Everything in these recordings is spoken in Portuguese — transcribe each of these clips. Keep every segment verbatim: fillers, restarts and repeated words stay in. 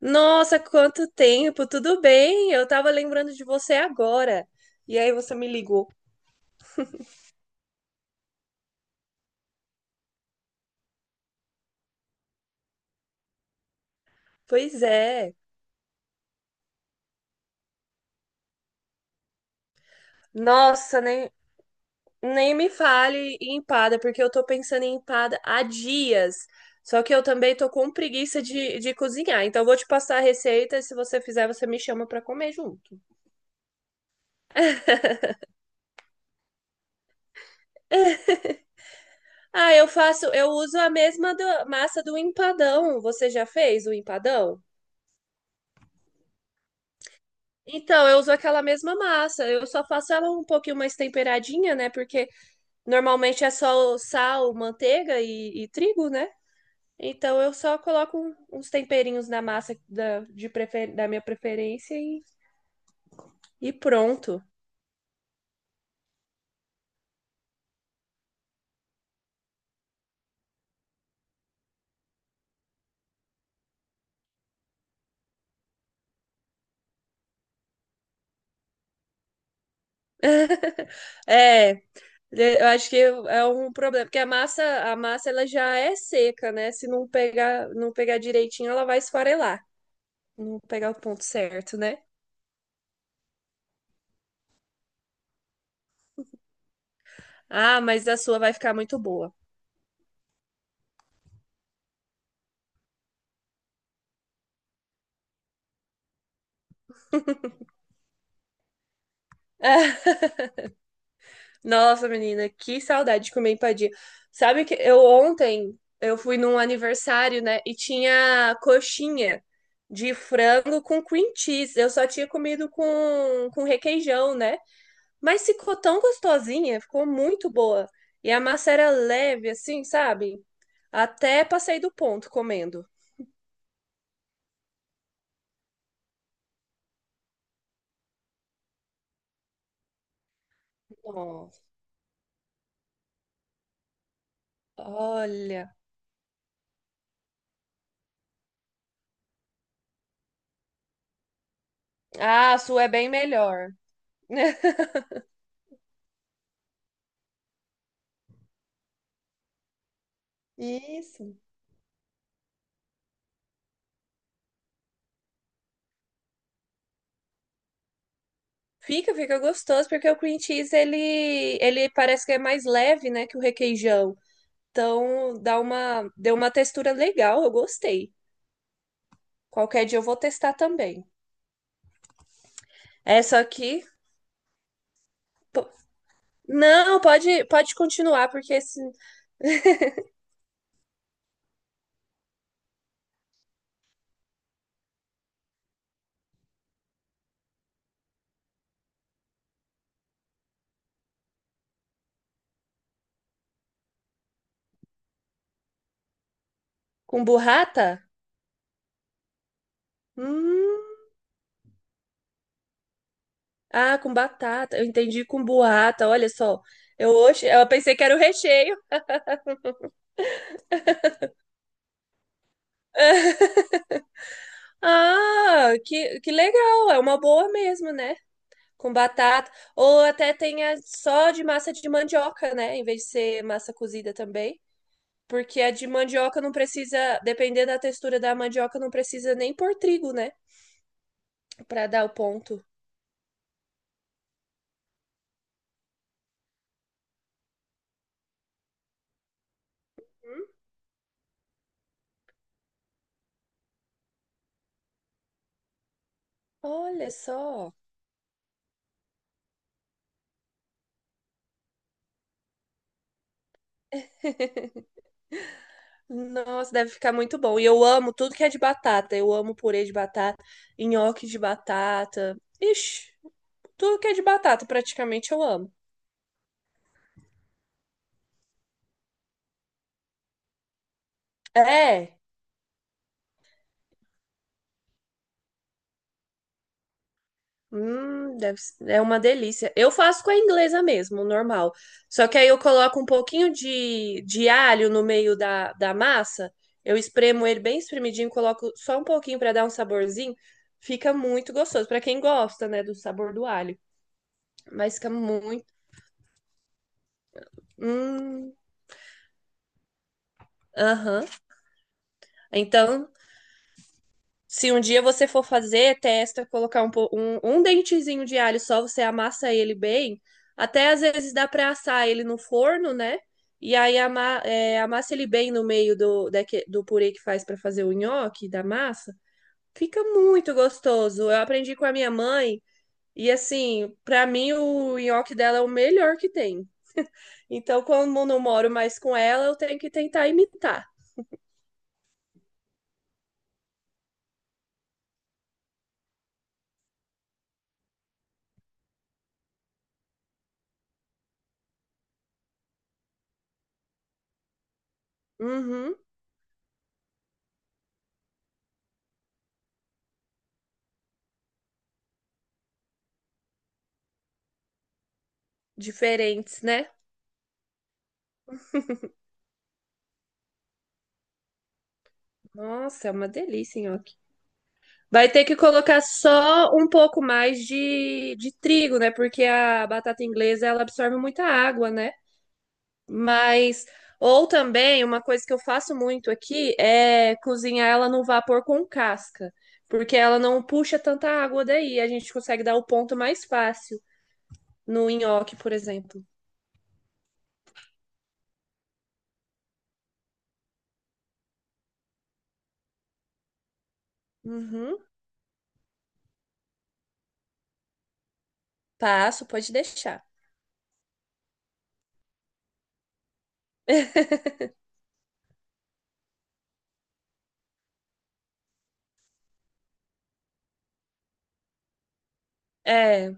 Nossa, quanto tempo! Tudo bem? Eu tava lembrando de você agora. E aí você me ligou. Pois é. Nossa, nem, nem me fale em empada, porque eu tô pensando em empada há dias. Só que eu também tô com preguiça de, de cozinhar. Então eu vou te passar a receita e se você fizer, você me chama pra comer junto. Ah, eu faço, eu uso a mesma do- massa do empadão. Você já fez o empadão? Então, eu uso aquela mesma massa. Eu só faço ela um pouquinho mais temperadinha, né? Porque normalmente é só sal, manteiga e, e trigo, né? Então eu só coloco um, uns temperinhos na massa da, de prefer- da minha preferência e, e pronto. É, eu acho que é um problema, porque a massa, a massa ela já é seca, né? Se não pegar, não pegar direitinho, ela vai esfarelar, não pegar o ponto certo, né? Ah, mas a sua vai ficar muito boa. Nossa, menina, que saudade de comer empadinha. Sabe que eu ontem eu fui num aniversário, né, e tinha coxinha de frango com cream cheese. Eu só tinha comido com com requeijão, né? Mas ficou tão gostosinha, ficou muito boa. E a massa era leve assim, sabe? Até passei do ponto comendo. Nossa, olha. Ah, a sua é bem melhor. Isso. Fica, fica gostoso, porque o cream cheese, ele, ele parece que é mais leve, né, que o requeijão. Então, dá uma, deu uma textura legal, eu gostei. Qualquer dia eu vou testar também. Essa aqui... po- Não, pode, pode continuar, porque esse, com burrata... Hum, ah, com batata. Eu entendi com burrata, olha só. Eu, hoje, eu pensei que era o recheio. Ah, que, que legal, é uma boa mesmo, né? Com batata, ou até tenha só de massa de mandioca, né? Em vez de ser massa cozida também. Porque a de mandioca não precisa, dependendo da textura da mandioca, não precisa nem pôr trigo, né? Pra dar o ponto. Hum, Olha só. Nossa, deve ficar muito bom. E eu amo tudo que é de batata. Eu amo purê de batata, nhoque de batata. Ixi, tudo que é de batata praticamente eu amo. É, hum, deve s- é uma delícia. Eu faço com a inglesa mesmo, normal. Só que aí eu coloco um pouquinho de, de alho no meio da, da massa. Eu espremo ele bem espremidinho, coloco só um pouquinho para dar um saborzinho. Fica muito gostoso. Para quem gosta, né, do sabor do alho. Mas fica muito. Hum, aham. Então, se um dia você for fazer, testa colocar um, po- um, um dentezinho de alho só, você amassa ele bem. Até às vezes dá para assar ele no forno, né? E aí ama, é, amassa ele bem no meio do, daque- do purê que faz para fazer o nhoque da massa. Fica muito gostoso. Eu aprendi com a minha mãe e assim, para mim o nhoque dela é o melhor que tem. Então, como eu não moro mais com ela, eu tenho que tentar imitar. Uhum, diferentes, né? Nossa, é uma delícia, nhoque. Vai ter que colocar só um pouco mais de, de trigo, né? Porque a batata inglesa ela absorve muita água, né? Mas ou também uma coisa que eu faço muito aqui é cozinhar ela no vapor com casca, porque ela não puxa tanta água daí, a gente consegue dar o ponto mais fácil no nhoque, por exemplo. Uhum. Passo, pode deixar. É,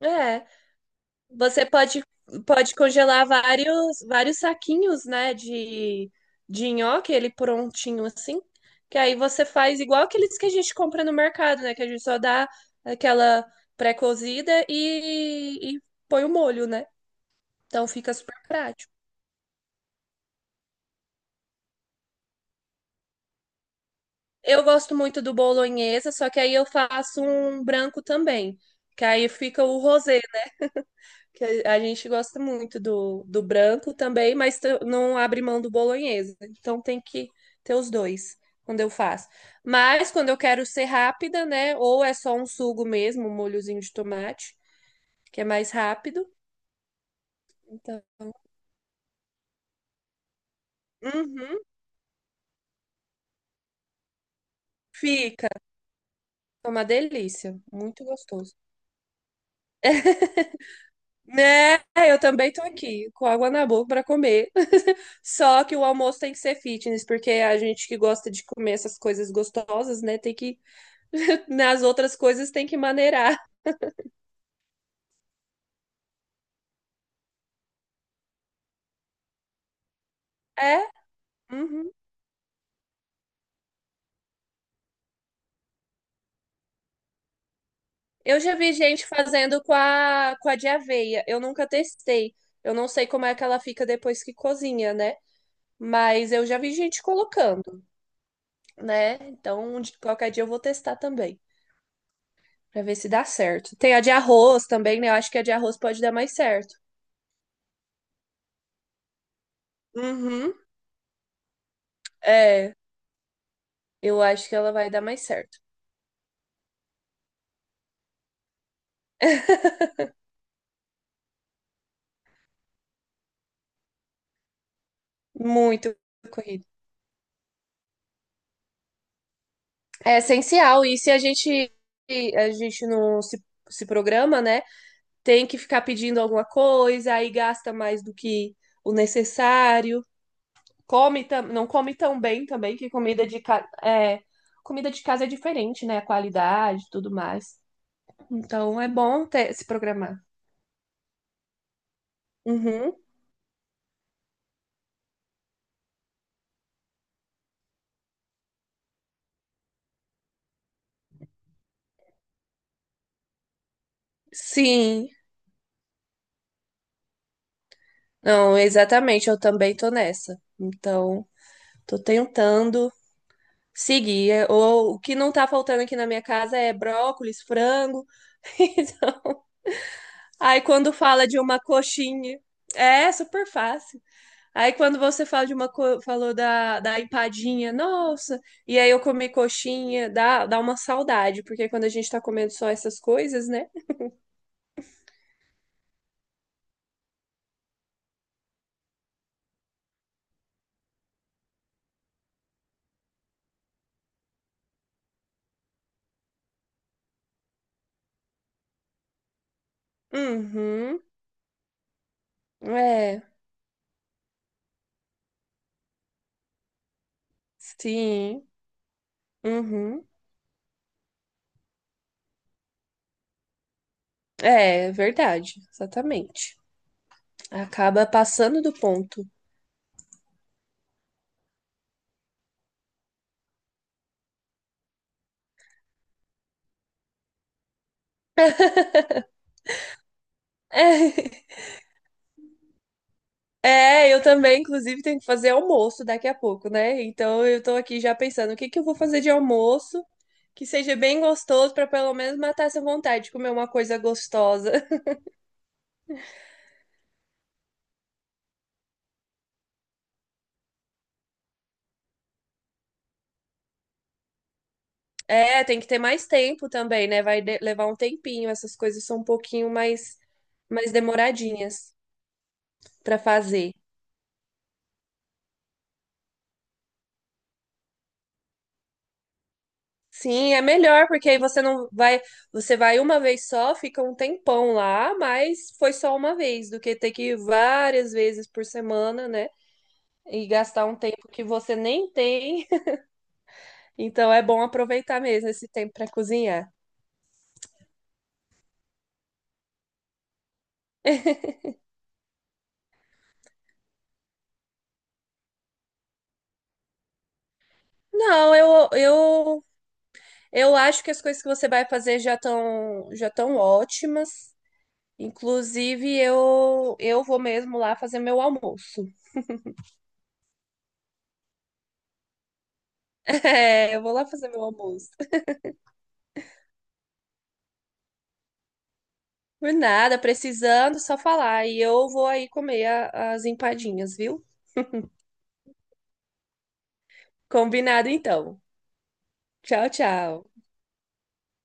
é. Você pode, pode congelar vários, vários saquinhos, né, de, de nhoque, ele prontinho assim, que aí você faz igual aqueles que a gente compra no mercado, né, que a gente só dá aquela pré-cozida e, e põe o molho, né? Então fica super prático. Eu gosto muito do bolonhesa, só que aí eu faço um branco também, que aí fica o rosé. Que a a gente gosta muito do, do branco também, mas t- não abre mão do bolonhesa. Então tem que ter os dois quando eu faço. Mas quando eu quero ser rápida, né? Ou é só um sugo mesmo, um molhozinho de tomate, que é mais rápido. Então, uhum, fica. É uma delícia, muito gostoso. Né, eu também tô aqui com água na boca para comer. Só que o almoço tem que ser fitness, porque a gente que gosta de comer essas coisas gostosas, né, tem que nas outras coisas tem que maneirar. É? Uhum. Eu já vi gente fazendo com a, com a de aveia. Eu nunca testei. Eu não sei como é que ela fica depois que cozinha, né? Mas eu já vi gente colocando, né? Então, de- qualquer dia eu vou testar também, pra ver se dá certo. Tem a de arroz também, né? Eu acho que a de arroz pode dar mais certo. Uhum. É, eu acho que ela vai dar mais certo. Muito corrida. É essencial. E se a gente, a gente não se, se programa, né? Tem que ficar pedindo alguma coisa, aí gasta mais do que o necessário. Come tam, não come tão bem também, que comida de, casa é, comida de casa é diferente, né? A qualidade e tudo mais. Então é bom ter, se programar. Uhum. Sim. Não, exatamente. Eu também tô nessa. Então, tô tentando seguir. É, ou, o que não tá faltando aqui na minha casa é brócolis, frango. Então, aí quando fala de uma coxinha, é super fácil. Aí quando você fala de uma co- falou da, da empadinha, nossa, e aí eu comi coxinha, dá, dá uma saudade, porque quando a gente tá comendo só essas coisas, né? Uhum. É, sim. Uhum. É, verdade, exatamente. Acaba passando do ponto. É, eu também, inclusive, tenho que fazer almoço daqui a pouco, né? Então eu tô aqui já pensando o que que eu vou fazer de almoço que seja bem gostoso pra pelo menos matar essa vontade de comer uma coisa gostosa. É, tem que ter mais tempo também, né? Vai de- levar um tempinho, essas coisas são um pouquinho mais mais demoradinhas pra fazer. Sim, é melhor porque aí você não vai, você vai uma vez só, fica um tempão lá, mas foi só uma vez, do que ter que ir várias vezes por semana, né? E gastar um tempo que você nem tem. Então é bom aproveitar mesmo esse tempo para cozinhar. Não, eu, eu, eu acho que as coisas que você vai fazer já estão já estão ótimas. Inclusive, eu, eu vou mesmo lá fazer meu almoço. É, eu vou lá fazer meu almoço. Por nada, precisando, só falar. E eu vou aí comer a- as empadinhas, viu? Combinado então. Tchau, tchau.